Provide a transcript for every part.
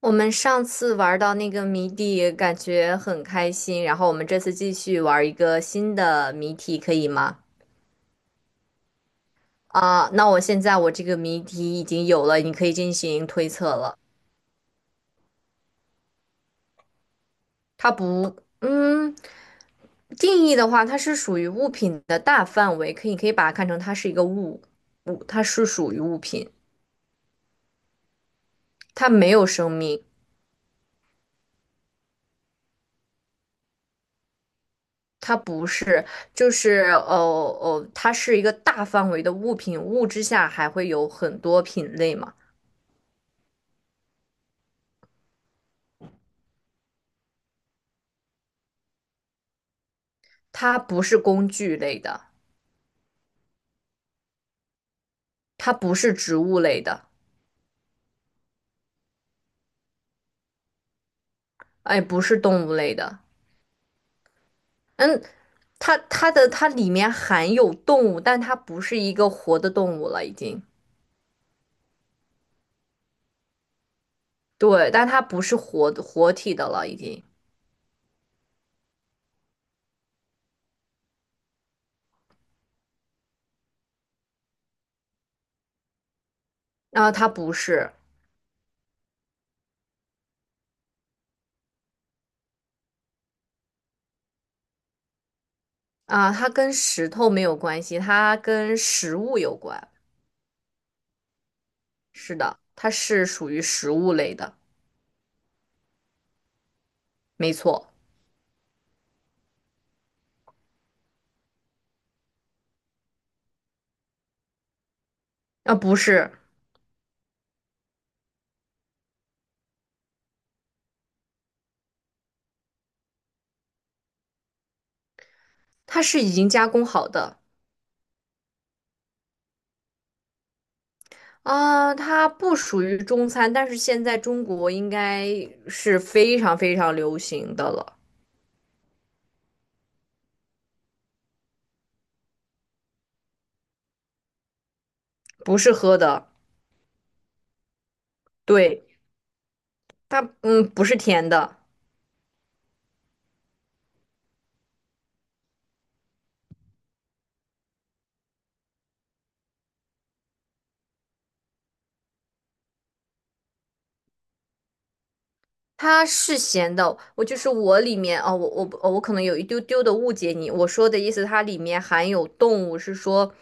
我们上次玩到那个谜底，感觉很开心，然后我们这次继续玩一个新的谜题，可以吗？啊、那我现在这个谜题已经有了，你可以进行推测了。它不，嗯，定义的话，它是属于物品的大范围，可以把它看成它是一个物，它是属于物品，它没有生命，它不是，就是它是一个大范围的物品，物之下还会有很多品类嘛。它不是工具类的，它不是植物类的，哎，不是动物类的。嗯，它里面含有动物，但它不是一个活的动物了，已经。对，但它不是活体的了，已经。啊，它不是啊，它跟石头没有关系，它跟食物有关。是的，它是属于食物类的，没错。啊，不是，它是已经加工好的，啊，它不属于中餐，但是现在中国应该是非常非常流行的了，不是喝的，对，它不是甜的，它是咸的。我就是我里面哦，我可能有一丢丢的误解你，我说的意思它里面含有动物，是说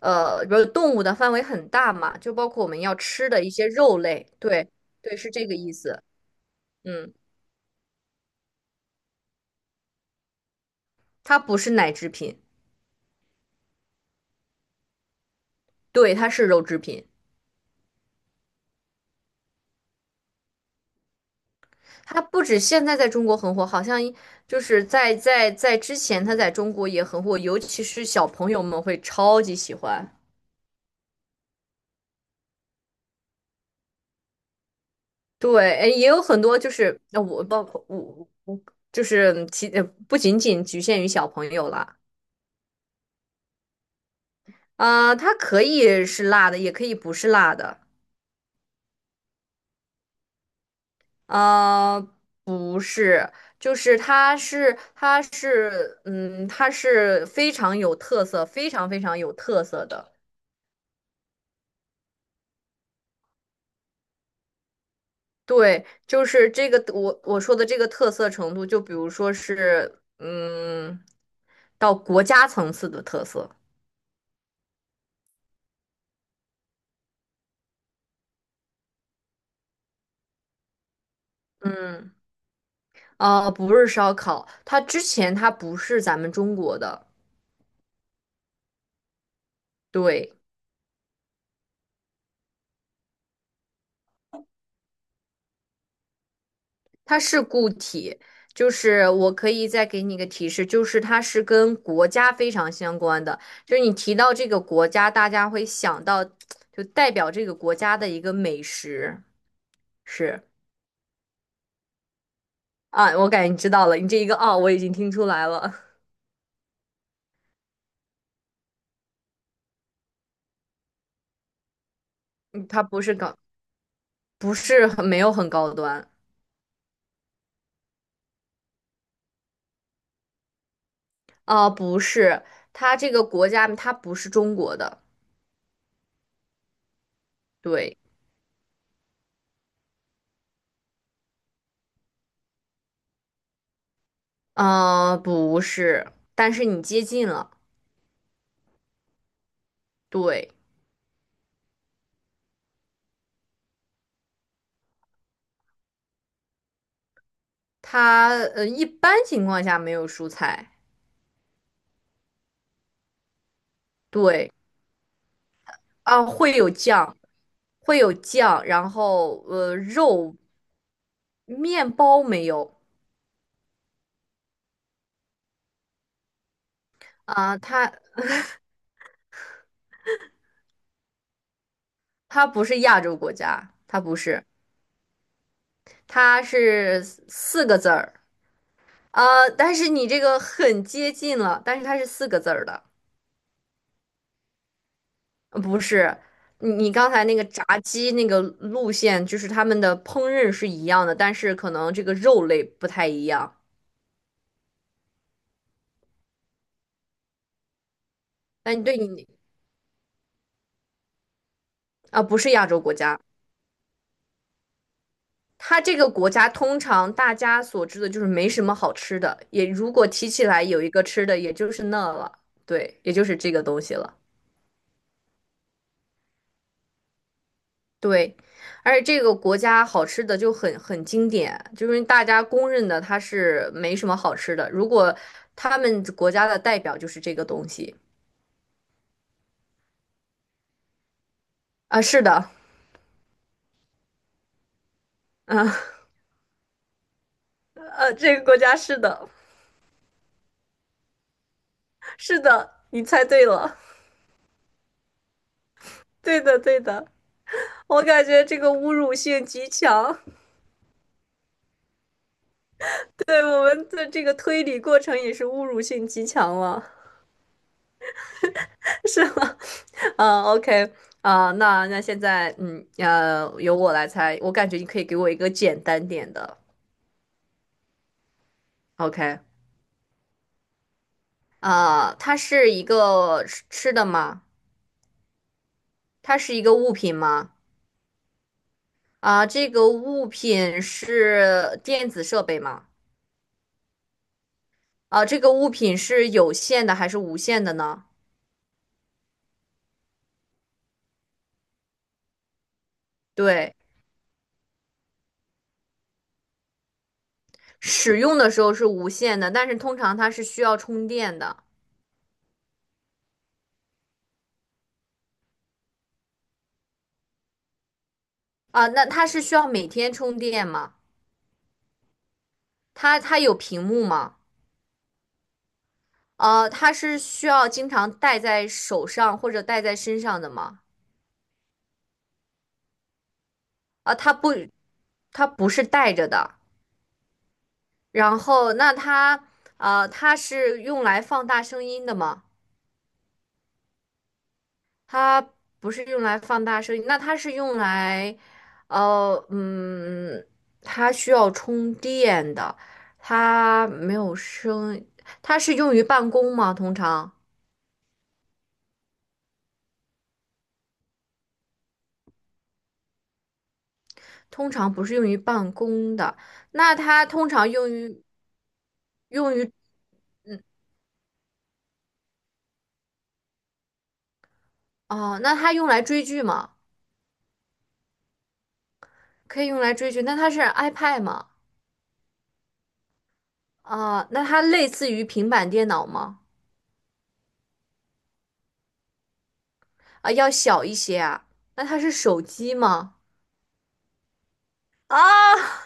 比如动物的范围很大嘛，就包括我们要吃的一些肉类，对对，是这个意思，嗯，它不是奶制品，对，它是肉制品。它不止现在在中国很火，好像一就是在在在之前它在中国也很火，尤其是小朋友们会超级喜欢。对，哎，也有很多就是我包括我就是不仅仅局限于小朋友啦，啊、它可以是辣的，也可以不是辣的，啊、不是，就是它是非常有特色，非常非常有特色的。对，就是这个我说的这个特色程度，就比如说是，嗯，到国家层次的特色，嗯，不是烧烤，它之前它不是咱们中国的，对，它是固体，就是我可以再给你一个提示，就是它是跟国家非常相关的，就是你提到这个国家，大家会想到就代表这个国家的一个美食，是啊，我感觉你知道了，你这一个哦，我已经听出来了。嗯它不是高，不是很没有很高端。啊、不是，它这个国家它不是中国的，对，啊，不是，但是你接近了，对，它一般情况下没有蔬菜，对，啊、会有酱，会有酱，然后肉，面包没有。啊、它不是亚洲国家，它不是，它是四个字儿。但是你这个很接近了，但是它是四个字儿的，不是。你刚才那个炸鸡那个路线，就是他们的烹饪是一样的，但是可能这个肉类不太一样。但对你啊，不是亚洲国家，它这个国家通常大家所知的就是没什么好吃的，也如果提起来有一个吃的，也就是那了，对，也就是这个东西了。对，而且这个国家好吃的就很经典，就是大家公认的它是没什么好吃的。如果他们国家的代表就是这个东西，啊，是的，啊，这个国家是的，是的，你猜对了，对的对的，我感觉这个侮辱性极强，对我们的这个推理过程也是侮辱性极强了，是吗？啊，OK。啊，那那现在，嗯，由我来猜，我感觉你可以给我一个简单点的。OK，它是一个吃的吗？它是一个物品吗？啊、这个物品是电子设备吗？啊、这个物品是有线的还是无线的呢？对，使用的时候是无线的，但是通常它是需要充电的。啊、那它是需要每天充电吗？它有屏幕吗？它是需要经常戴在手上或者戴在身上的吗？啊、它不，它不是戴着的。然后那它它是用来放大声音的吗？它不是用来放大声音，那它是用来呃嗯，它需要充电的，它没有声，它是用于办公吗？通常通常不是用于办公的，那它通常用于哦、那它用来追剧吗？可以用来追剧，那它是 iPad 吗？啊、那它类似于平板电脑吗？啊，要小一些啊？那它是手机吗？啊，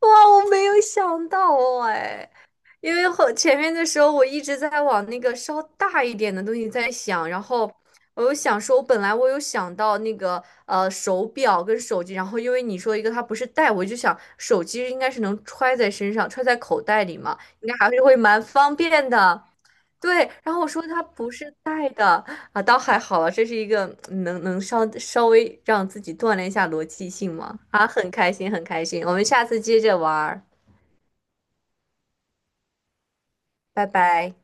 哇，我没有想到哦，哎，因为前面的时候我一直在往那个稍大一点的东西在想，然后我本来有想到那个手表跟手机，然后因为你说一个它不是带，我就想手机应该是能揣在身上，揣在口袋里嘛，应该还是会蛮方便的。对，然后我说它不是带的啊，倒还好了，这是一个能稍稍微让自己锻炼一下逻辑性吗？啊，很开心，很开心，我们下次接着玩儿，拜拜。